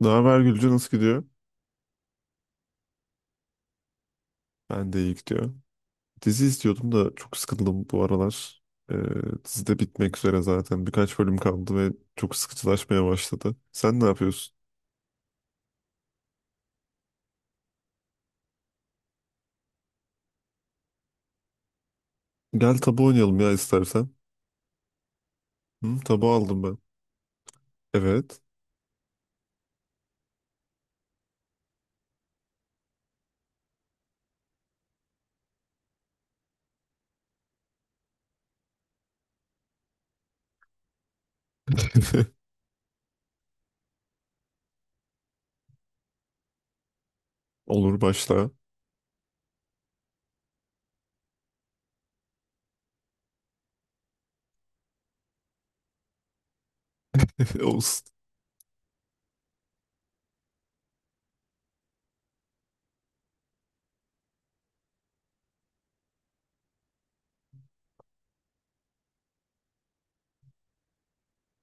Ne haber Gülce, nasıl gidiyor? Ben de iyi, gidiyor. Dizi izliyordum da çok sıkıldım bu aralar. Ee, dizi de bitmek üzere zaten. Birkaç bölüm kaldı ve çok sıkıcılaşmaya başladı. Sen ne yapıyorsun? Gel tabu oynayalım ya istersen. Hı, tabu aldım ben. Evet. Olur, başla. Olsun.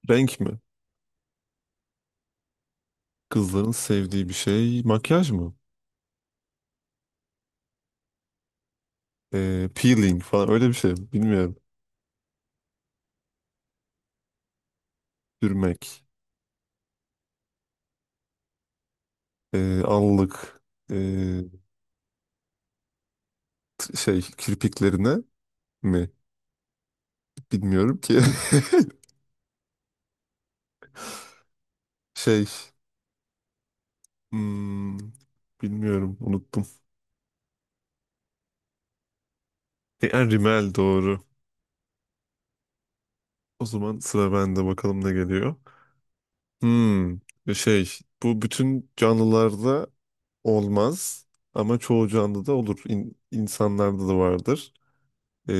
Renk mi? Kızların sevdiği bir şey. Makyaj mı? Peeling falan, öyle bir şey mi? Bilmiyorum. Sürmek. Allık. Ee, Şey, kirpiklerine mi? Bilmiyorum ki. Şey, hmm, bilmiyorum, unuttum. E, yani Rimmel doğru. O zaman sıra bende, bakalım ne geliyor. Hmm, şey, bu bütün canlılarda olmaz ama çoğu canlıda olur. İnsanlarda da vardır. Ee,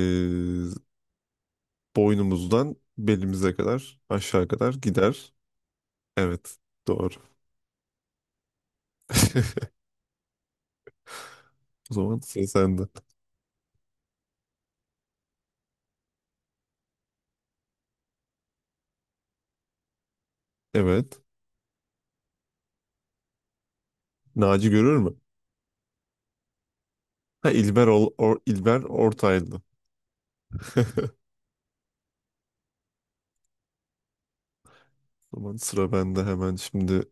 Boynumuzdan belimize kadar, aşağı kadar gider. Evet, doğru. O zaman sıra sende. Evet. Naci görür mü? Ha İlber, İlber Ortaylı. O zaman sıra bende, hemen şimdi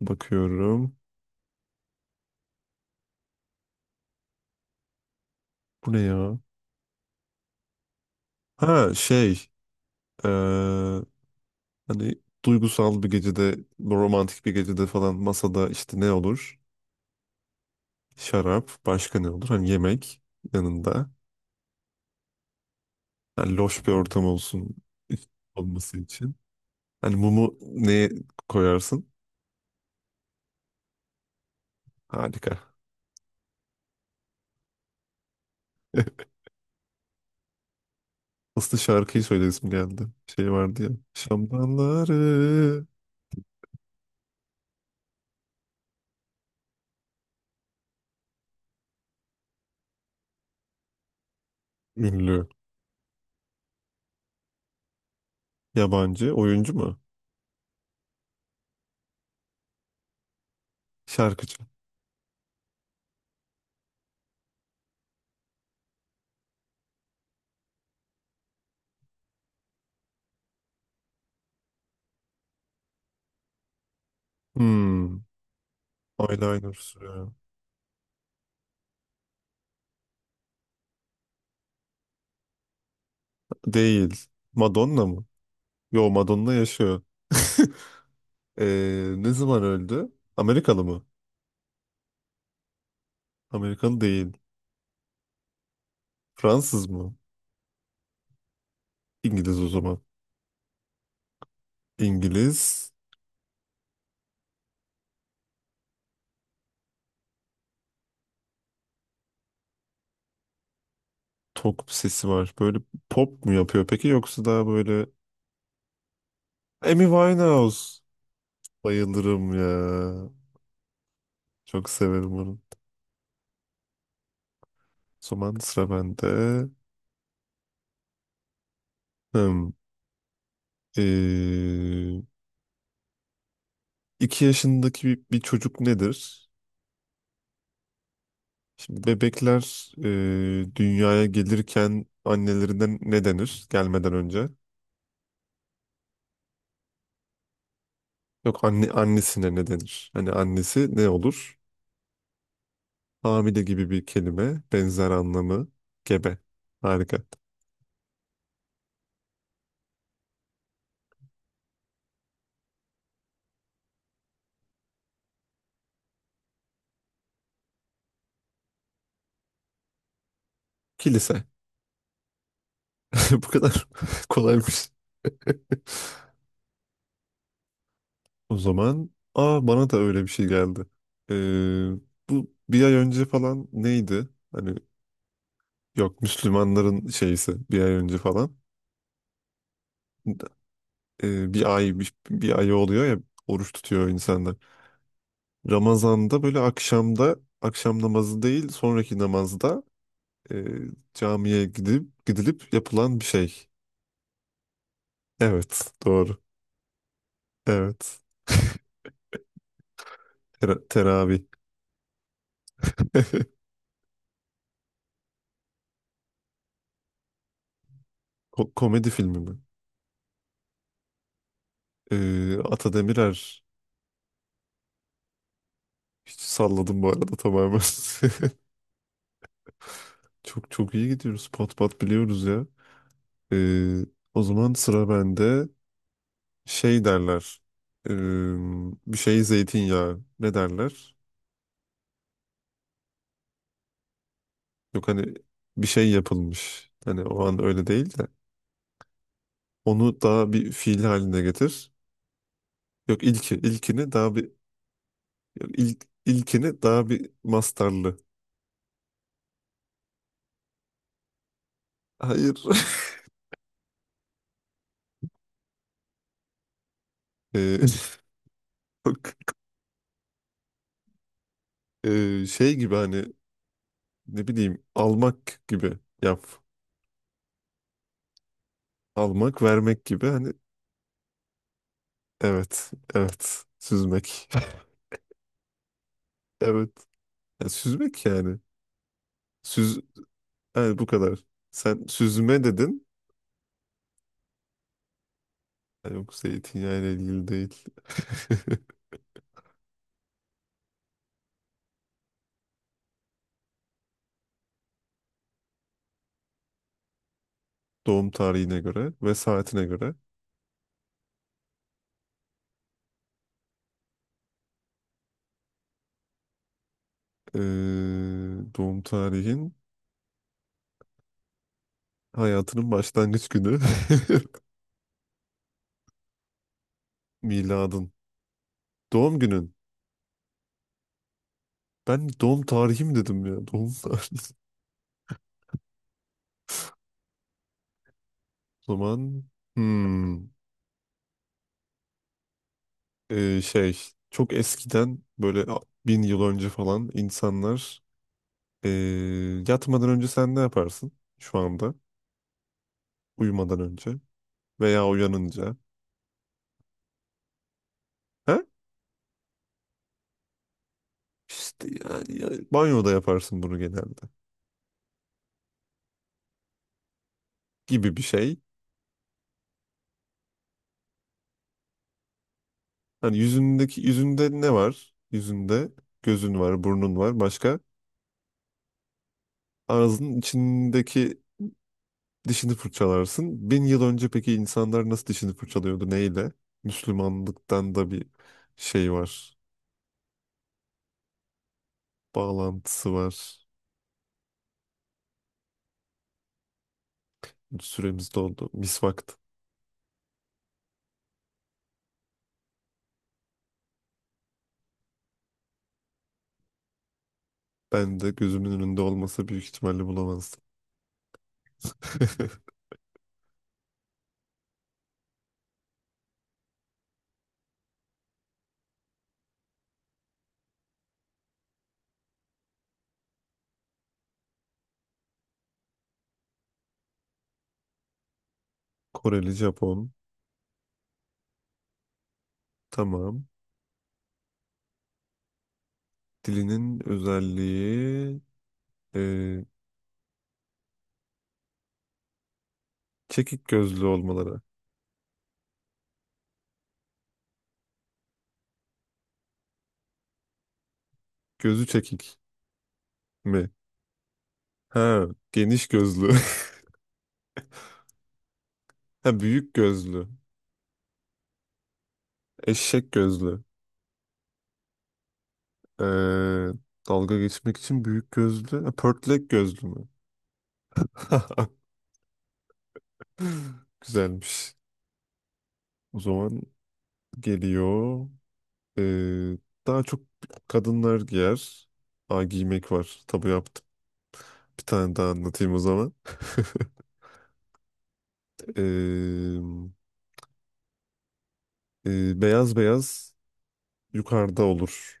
bakıyorum. Bu ne ya? Ha şey, eee, hani duygusal bir gecede, romantik bir gecede falan, masada işte ne olur? Şarap, başka ne olur? Hani yemek yanında. Hani loş bir ortam olsun, olması için. Hani mumu neye koyarsın? Harika. Aslında şarkıyı söyleyesim geldi. Şey vardı ya. Şamdanları ünlü. Yabancı oyuncu mu? Şarkıcı. Hmm. Eyeliner sürüyor. Değil. Madonna mı? Yo, Madonna yaşıyor. Ne zaman öldü? Amerikalı mı? Amerikalı değil. Fransız mı? İngiliz o zaman. İngiliz, tok sesi var. Böyle pop mu yapıyor peki, yoksa daha böyle Amy Winehouse. Bayılırım ya. Çok severim onu. O zaman sıra bende. Hmm. Ee, iki yaşındaki bir çocuk nedir? Şimdi bebekler dünyaya gelirken annelerine ne denir, gelmeden önce? Yok, anne annesine ne denir? Hani annesi ne olur? Hamile gibi bir kelime, benzer anlamı, gebe. Harika. Kilise. Bu kadar kolaymış. O zaman aa, bana da öyle bir şey geldi. Ee, Bu bir ay önce falan neydi? Hani yok, Müslümanların şeysi bir ay önce falan. Bir ay oluyor ya, oruç tutuyor insanlar. Ramazan'da böyle akşamda akşam namazı değil, sonraki namazda e, camiye gidilip yapılan bir şey. Evet, doğru. Evet. Teravih. Komedi filmi mi? Ata Demirer. Hiç salladım bu arada, tamamen. Çok çok iyi gidiyoruz. Pat pat biliyoruz ya. Ee, O zaman sıra bende. Şey derler. Ee, Bir şey zeytinyağı. Ne derler? Yok hani bir şey yapılmış. Hani o an öyle değil de. Onu daha bir fiil haline getir. Yok ilki. İlkini daha bir yok, ilkini daha bir mastarlı. Hayır. Ee, yok. Şey gibi hani, ne bileyim, almak gibi yap. Almak, vermek gibi hani, evet, süzmek. Evet. Yani süzmek yani. Süz yani, bu kadar. Sen süzme dedin. Ha, yok zeytinyağı ile ilgili değil. Doğum tarihine göre ve saatine göre. Ee, Doğum tarihin hayatının başlangıç günü. Miladın. Doğum günün. Ben doğum tarihim dedim ya. Doğum tarihi. O zaman hmm. Şey, çok eskiden böyle, bin yıl önce falan insanlar ee, yatmadan önce sen ne yaparsın, şu anda uyumadan önce veya uyanınca, ha işte yani, banyoda yaparsın bunu genelde gibi bir şey, hani yüzünde ne var, yüzünde gözün var, burnun var, başka ağzının içindeki, dişini fırçalarsın. Bin yıl önce peki insanlar nasıl dişini fırçalıyordu, neyle? Müslümanlıktan da bir şey var, bağlantısı var. Süremiz doldu. Mis vakti. Ben de gözümün önünde olmasa büyük ihtimalle bulamazdım. Koreli, Japon. Tamam. Dilinin özelliği e, çekik gözlü olmaları. Gözü çekik mi? Ha, geniş gözlü. Ha, büyük gözlü. Eşek gözlü. E, Dalga geçmek için büyük gözlü. Ha, pörtlek gözlü mü? Güzelmiş. O zaman geliyor. Ee, Daha çok kadınlar giyer. Aa, giymek var. Tabu yaptım. Bir tane daha anlatayım o zaman. Ee, Beyaz beyaz yukarıda olur.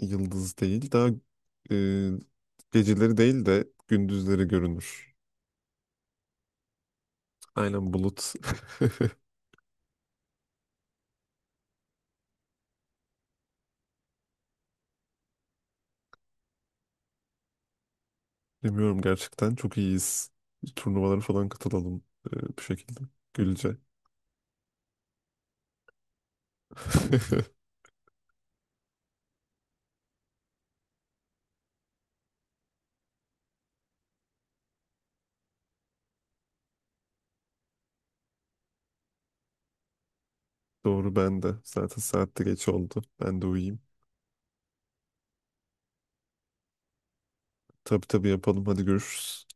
Yıldız değil. Daha e, geceleri değil de gündüzleri görünür. Aynen, bulut. Bilmiyorum gerçekten. Çok iyiyiz. Turnuvalara falan katılalım bu şekilde. Gülce. Doğru, ben de. Zaten saatte geç oldu. Ben de uyuyayım. Tabii tabii yapalım. Hadi görüşürüz.